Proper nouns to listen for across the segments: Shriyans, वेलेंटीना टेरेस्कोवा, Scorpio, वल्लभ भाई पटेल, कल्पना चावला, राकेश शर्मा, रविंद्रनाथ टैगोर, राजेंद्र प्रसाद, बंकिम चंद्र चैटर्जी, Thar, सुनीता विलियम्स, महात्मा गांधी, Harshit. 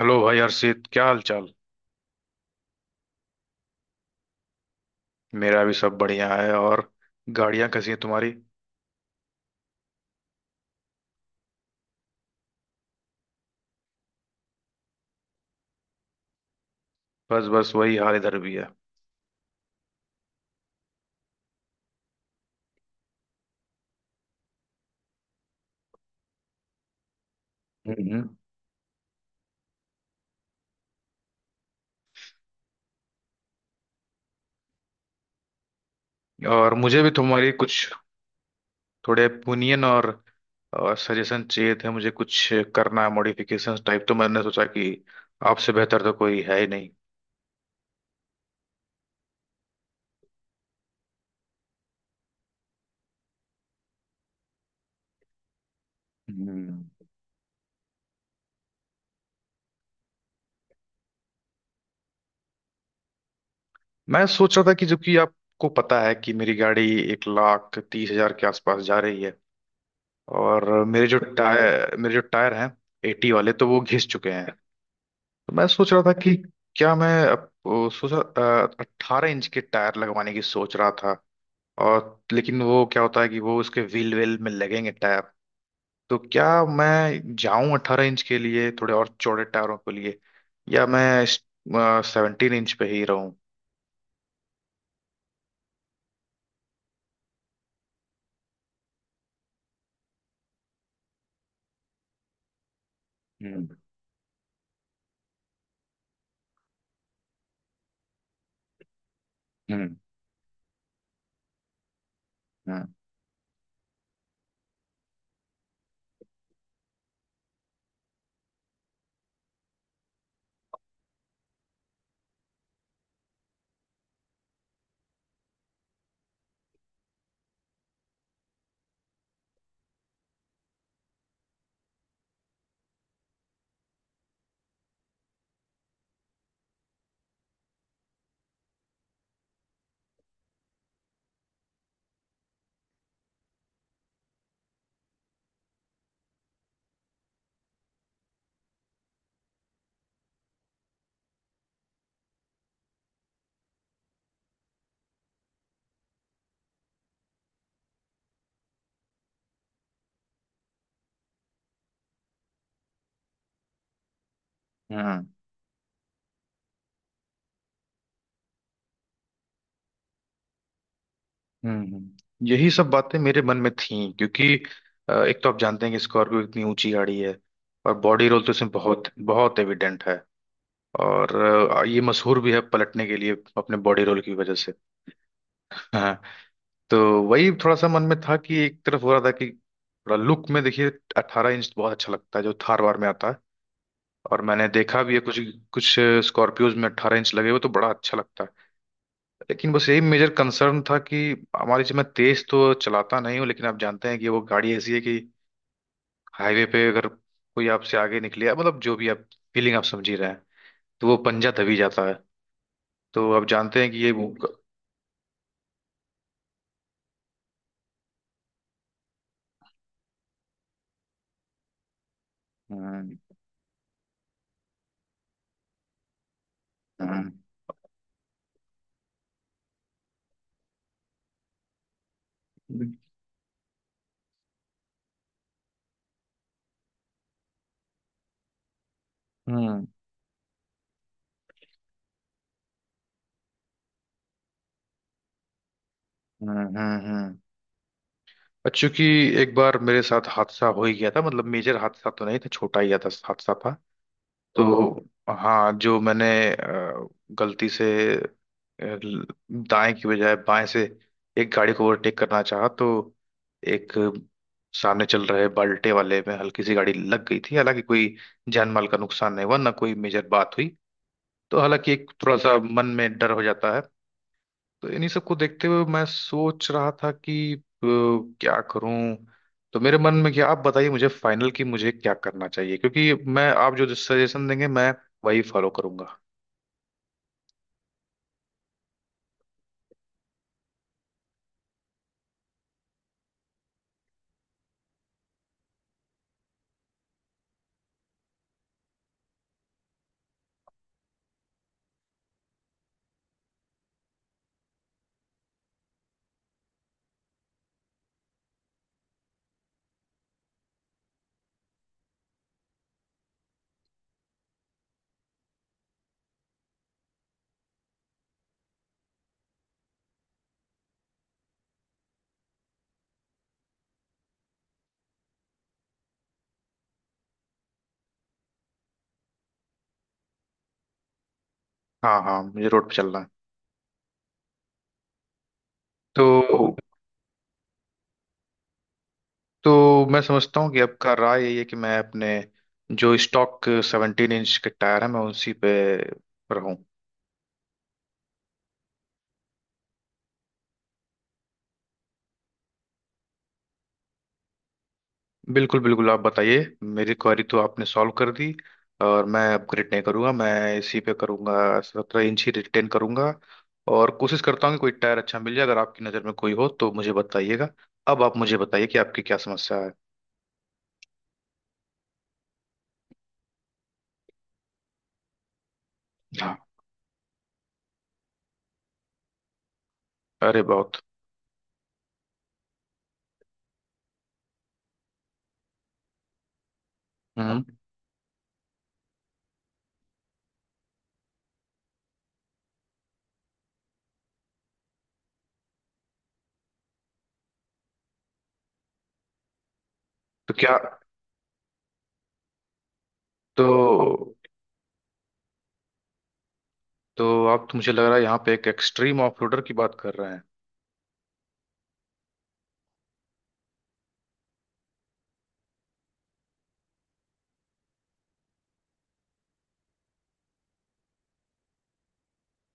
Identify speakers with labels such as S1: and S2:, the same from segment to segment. S1: Hello भाई हर्षित, क्या हाल चाल। मेरा भी सब बढ़िया है। और गाड़ियां कैसी हैं तुम्हारी। बस बस वही हाल इधर भी है। हम्म। और मुझे भी तुम्हारी कुछ थोड़े ओपिनियन और सजेशन चाहिए थे। मुझे कुछ करना है मॉडिफिकेशन टाइप, तो मैंने सोचा कि आपसे बेहतर तो कोई है ही नहीं। हम्म। मैं सोच रहा था कि जो कि आपको पता है कि मेरी गाड़ी 1,30,000 के आसपास जा रही है। और मेरे जो टायर हैं एटी वाले, तो वो घिस चुके हैं। तो मैं सोच रहा था कि क्या मैं सोचा 18 इंच के टायर लगवाने की सोच रहा था। और लेकिन वो क्या होता है कि वो उसके व्हील वेल में लगेंगे टायर। तो क्या मैं जाऊं 18 इंच के लिए, थोड़े और चौड़े टायरों के लिए, या मैं 17 इंच पे ही रहूं। हम्म हम्म हम्म हम्म हम्म। यही सब बातें मेरे मन में थीं, क्योंकि एक तो आप जानते हैं कि स्कॉर्पियो इतनी ऊंची गाड़ी है और बॉडी रोल तो इसमें बहुत बहुत एविडेंट है। और ये मशहूर भी है पलटने के लिए अपने बॉडी रोल की वजह से। हाँ। तो वही थोड़ा सा मन में था कि एक तरफ हो रहा था कि थोड़ा लुक में देखिए, 18 इंच बहुत अच्छा लगता है जो थार वार में आता है। और मैंने देखा भी है कुछ कुछ स्कॉर्पियोज में 18 इंच लगे हुए, तो बड़ा अच्छा लगता है। लेकिन बस यही मेजर कंसर्न था कि हमारी, मैं तेज तो चलाता नहीं हूँ, लेकिन आप जानते हैं कि वो गाड़ी ऐसी है कि हाईवे पे अगर कोई आपसे आगे निकले या मतलब जो भी आप फीलिंग आप समझ ही रहे हैं। तो वो पंजा दबी जाता है। तो आप जानते हैं कि ये। हम्म हम्म हम्म। और चूंकि एक बार मेरे साथ हादसा हो ही गया था, मतलब मेजर हादसा तो नहीं था, छोटा ही था हादसा था। तो हाँ, जो मैंने अ, गलती से, अ, दाएं की बजाय बाएं से एक गाड़ी को ओवरटेक करना चाहा, तो एक सामने चल रहे बाल्टे वाले में हल्की सी गाड़ी लग गई थी। हालांकि कोई जान माल का नुकसान नहीं हुआ, ना कोई मेजर बात हुई। तो हालांकि एक थोड़ा सा मन में डर हो जाता है। तो इन्हीं सबको देखते हुए मैं सोच रहा था कि क्या करूं। तो मेरे मन में क्या, आप बताइए मुझे फाइनल की मुझे क्या करना चाहिए, क्योंकि मैं आप जो सजेशन देंगे मैं वही फॉलो करूंगा। हाँ हाँ, मुझे रोड पे चलना है। तो तो मैं समझता हूँ कि आपका राय यही है कि मैं अपने जो स्टॉक 17 इंच के टायर है मैं उसी पे रहूं। बिल्कुल बिल्कुल, आप बताइए। मेरी क्वेरी तो आपने सॉल्व कर दी, और मैं अपग्रेड नहीं करूंगा, मैं इसी पे करूंगा, 17 इंच ही रिटेन करूंगा। और कोशिश करता हूँ कि कोई टायर अच्छा मिल जाए। अगर आपकी नज़र में कोई हो तो मुझे बताइएगा। अब आप मुझे बताइए कि आपकी क्या समस्या है। हाँ, अरे बहुत। हम्म। तो क्या तो तो आप तो मुझे लग रहा है यहाँ पे एक एक्सट्रीम ऑफ रोडर की बात कर रहे हैं।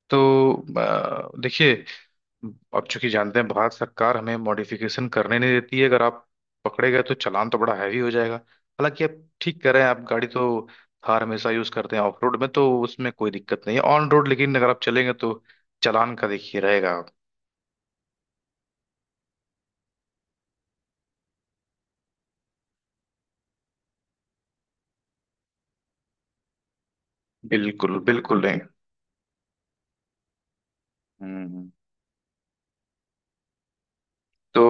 S1: तो देखिए, अब चूंकि जानते हैं भारत सरकार हमें मॉडिफिकेशन करने नहीं देती है, अगर आप पकड़े गए तो चालान तो बड़ा हैवी हो जाएगा। हालांकि आप ठीक कह रहे हैं, आप गाड़ी तो, थार हमेशा यूज करते हैं ऑफ रोड में, तो उसमें कोई दिक्कत नहीं है। ऑन रोड लेकिन अगर आप चलेंगे तो चालान का देखिए रहेगा। बिल्कुल बिल्कुल नहीं। हम्म। तो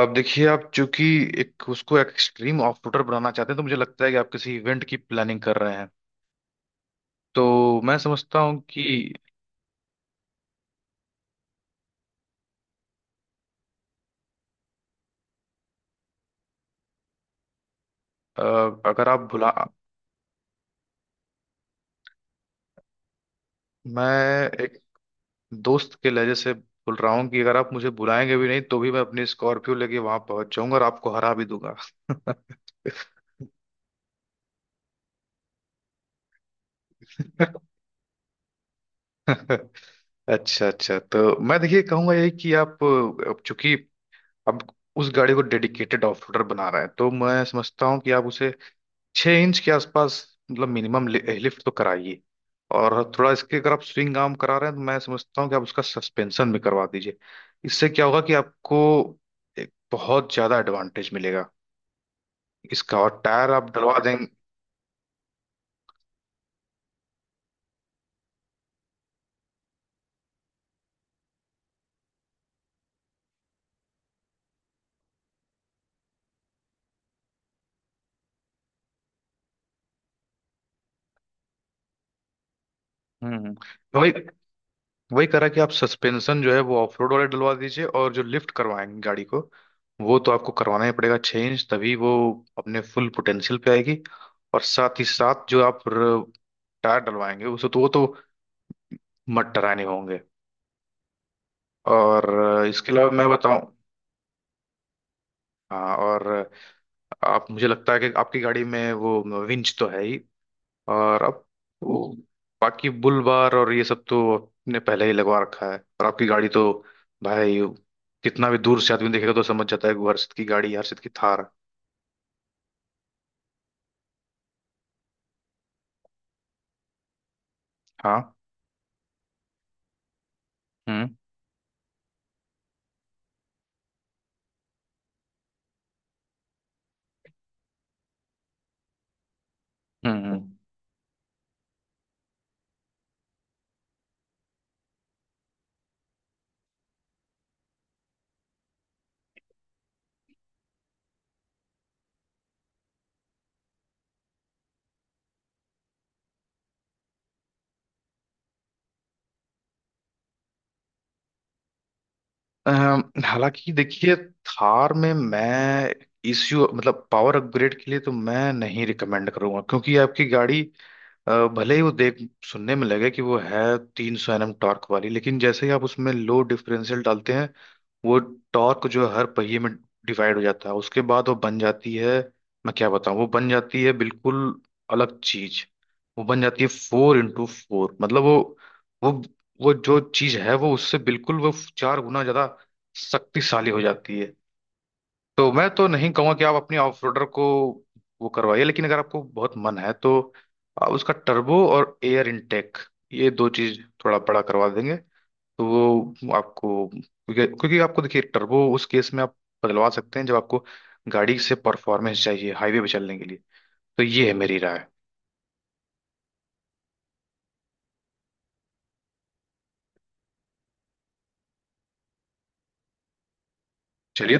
S1: अब देखिए, आप चूंकि एक उसको एक्सट्रीम ऑफ रोडर बनाना चाहते हैं, तो मुझे लगता है कि आप किसी इवेंट की प्लानिंग कर रहे हैं। तो मैं समझता हूँ कि अ, अगर आप भुला, मैं दोस्त के लहजे से बोल रहा हूँ कि अगर आप मुझे बुलाएंगे भी नहीं तो भी मैं अपनी स्कॉर्पियो लेके वहां पहुंच जाऊंगा और आपको हरा भी दूंगा। अच्छा अच्छा, तो मैं देखिए कहूंगा यही कि आप, अब चूंकि अब उस गाड़ी को डेडिकेटेड ऑफ रोडर बना रहे हैं, तो मैं समझता हूँ कि आप उसे 6 इंच के आसपास, मतलब मिनिमम लिफ्ट तो कराइए। और थोड़ा इसके अगर आप स्विंग आर्म करा रहे हैं, तो मैं समझता हूँ कि आप उसका सस्पेंशन भी करवा दीजिए। इससे क्या होगा कि आपको एक बहुत ज्यादा एडवांटेज मिलेगा इसका। और टायर आप डलवा देंगे। हम्म। वही वही करा कि आप सस्पेंशन जो है वो ऑफ रोड वाले डलवा दीजिए। और जो लिफ्ट करवाएंगे गाड़ी को, वो तो आपको करवाना ही पड़ेगा 6 इंच, तभी वो अपने फुल पोटेंशियल पे आएगी। और साथ ही साथ जो आप टायर डलवाएंगे उसे, तो वो तो मड डराने होंगे। और इसके अलावा मैं बताऊं। हाँ। और आप, मुझे लगता है कि आपकी गाड़ी में वो विंच तो है ही। और अब वो बाकी बुल बार और ये सब तो आपने पहले ही लगवा रखा है। और आपकी गाड़ी तो भाई कितना भी दूर से आदमी देखेगा तो समझ जाता है कि वो हर्षित की गाड़ी है, हर्षित की थार है। हाँ। हम्म हम्म। हालांकि देखिए, थार में मैं इश्यू, मतलब पावर अपग्रेड के लिए तो मैं नहीं रिकमेंड करूंगा, क्योंकि आपकी गाड़ी भले ही वो देख सुनने में लगे कि वो है 300 NM टॉर्क वाली, लेकिन जैसे ही आप उसमें लो डिफरेंशियल डालते हैं, वो टॉर्क जो है हर पहिए में डिवाइड हो जाता है। उसके बाद वो बन जाती है, मैं क्या बताऊं, वो बन जाती है बिल्कुल अलग चीज। वो बन जाती है फोर इंटू फोर, मतलब वो वो जो चीज है वो उससे बिल्कुल वो चार गुना ज्यादा शक्तिशाली हो जाती है। तो मैं तो नहीं कहूंगा कि आप अपनी ऑफ रोडर को वो करवाइए। लेकिन अगर आपको बहुत मन है तो आप उसका टर्बो और एयर इनटेक, ये दो चीज थोड़ा बड़ा करवा देंगे, तो वो आपको, क्योंकि क्योंकि आपको देखिए टर्बो उस केस में आप बदलवा सकते हैं जब आपको गाड़ी से परफॉर्मेंस चाहिए हाईवे पे चलने के लिए। तो ये है मेरी राय। चलिए।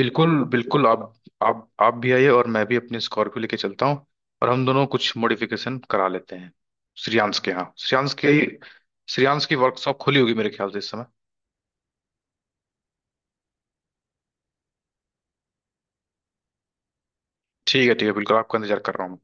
S1: बिल्कुल बिल्कुल, आप भी आइए, और मैं भी अपनी स्कॉर्पियो लेके चलता हूँ, और हम दोनों कुछ मॉडिफिकेशन करा लेते हैं श्रियांश के यहाँ। श्रियांश की वर्कशॉप खुली होगी मेरे ख्याल से इस समय। ठीक है ठीक है, बिल्कुल आपका इंतजार कर रहा हूँ मैं।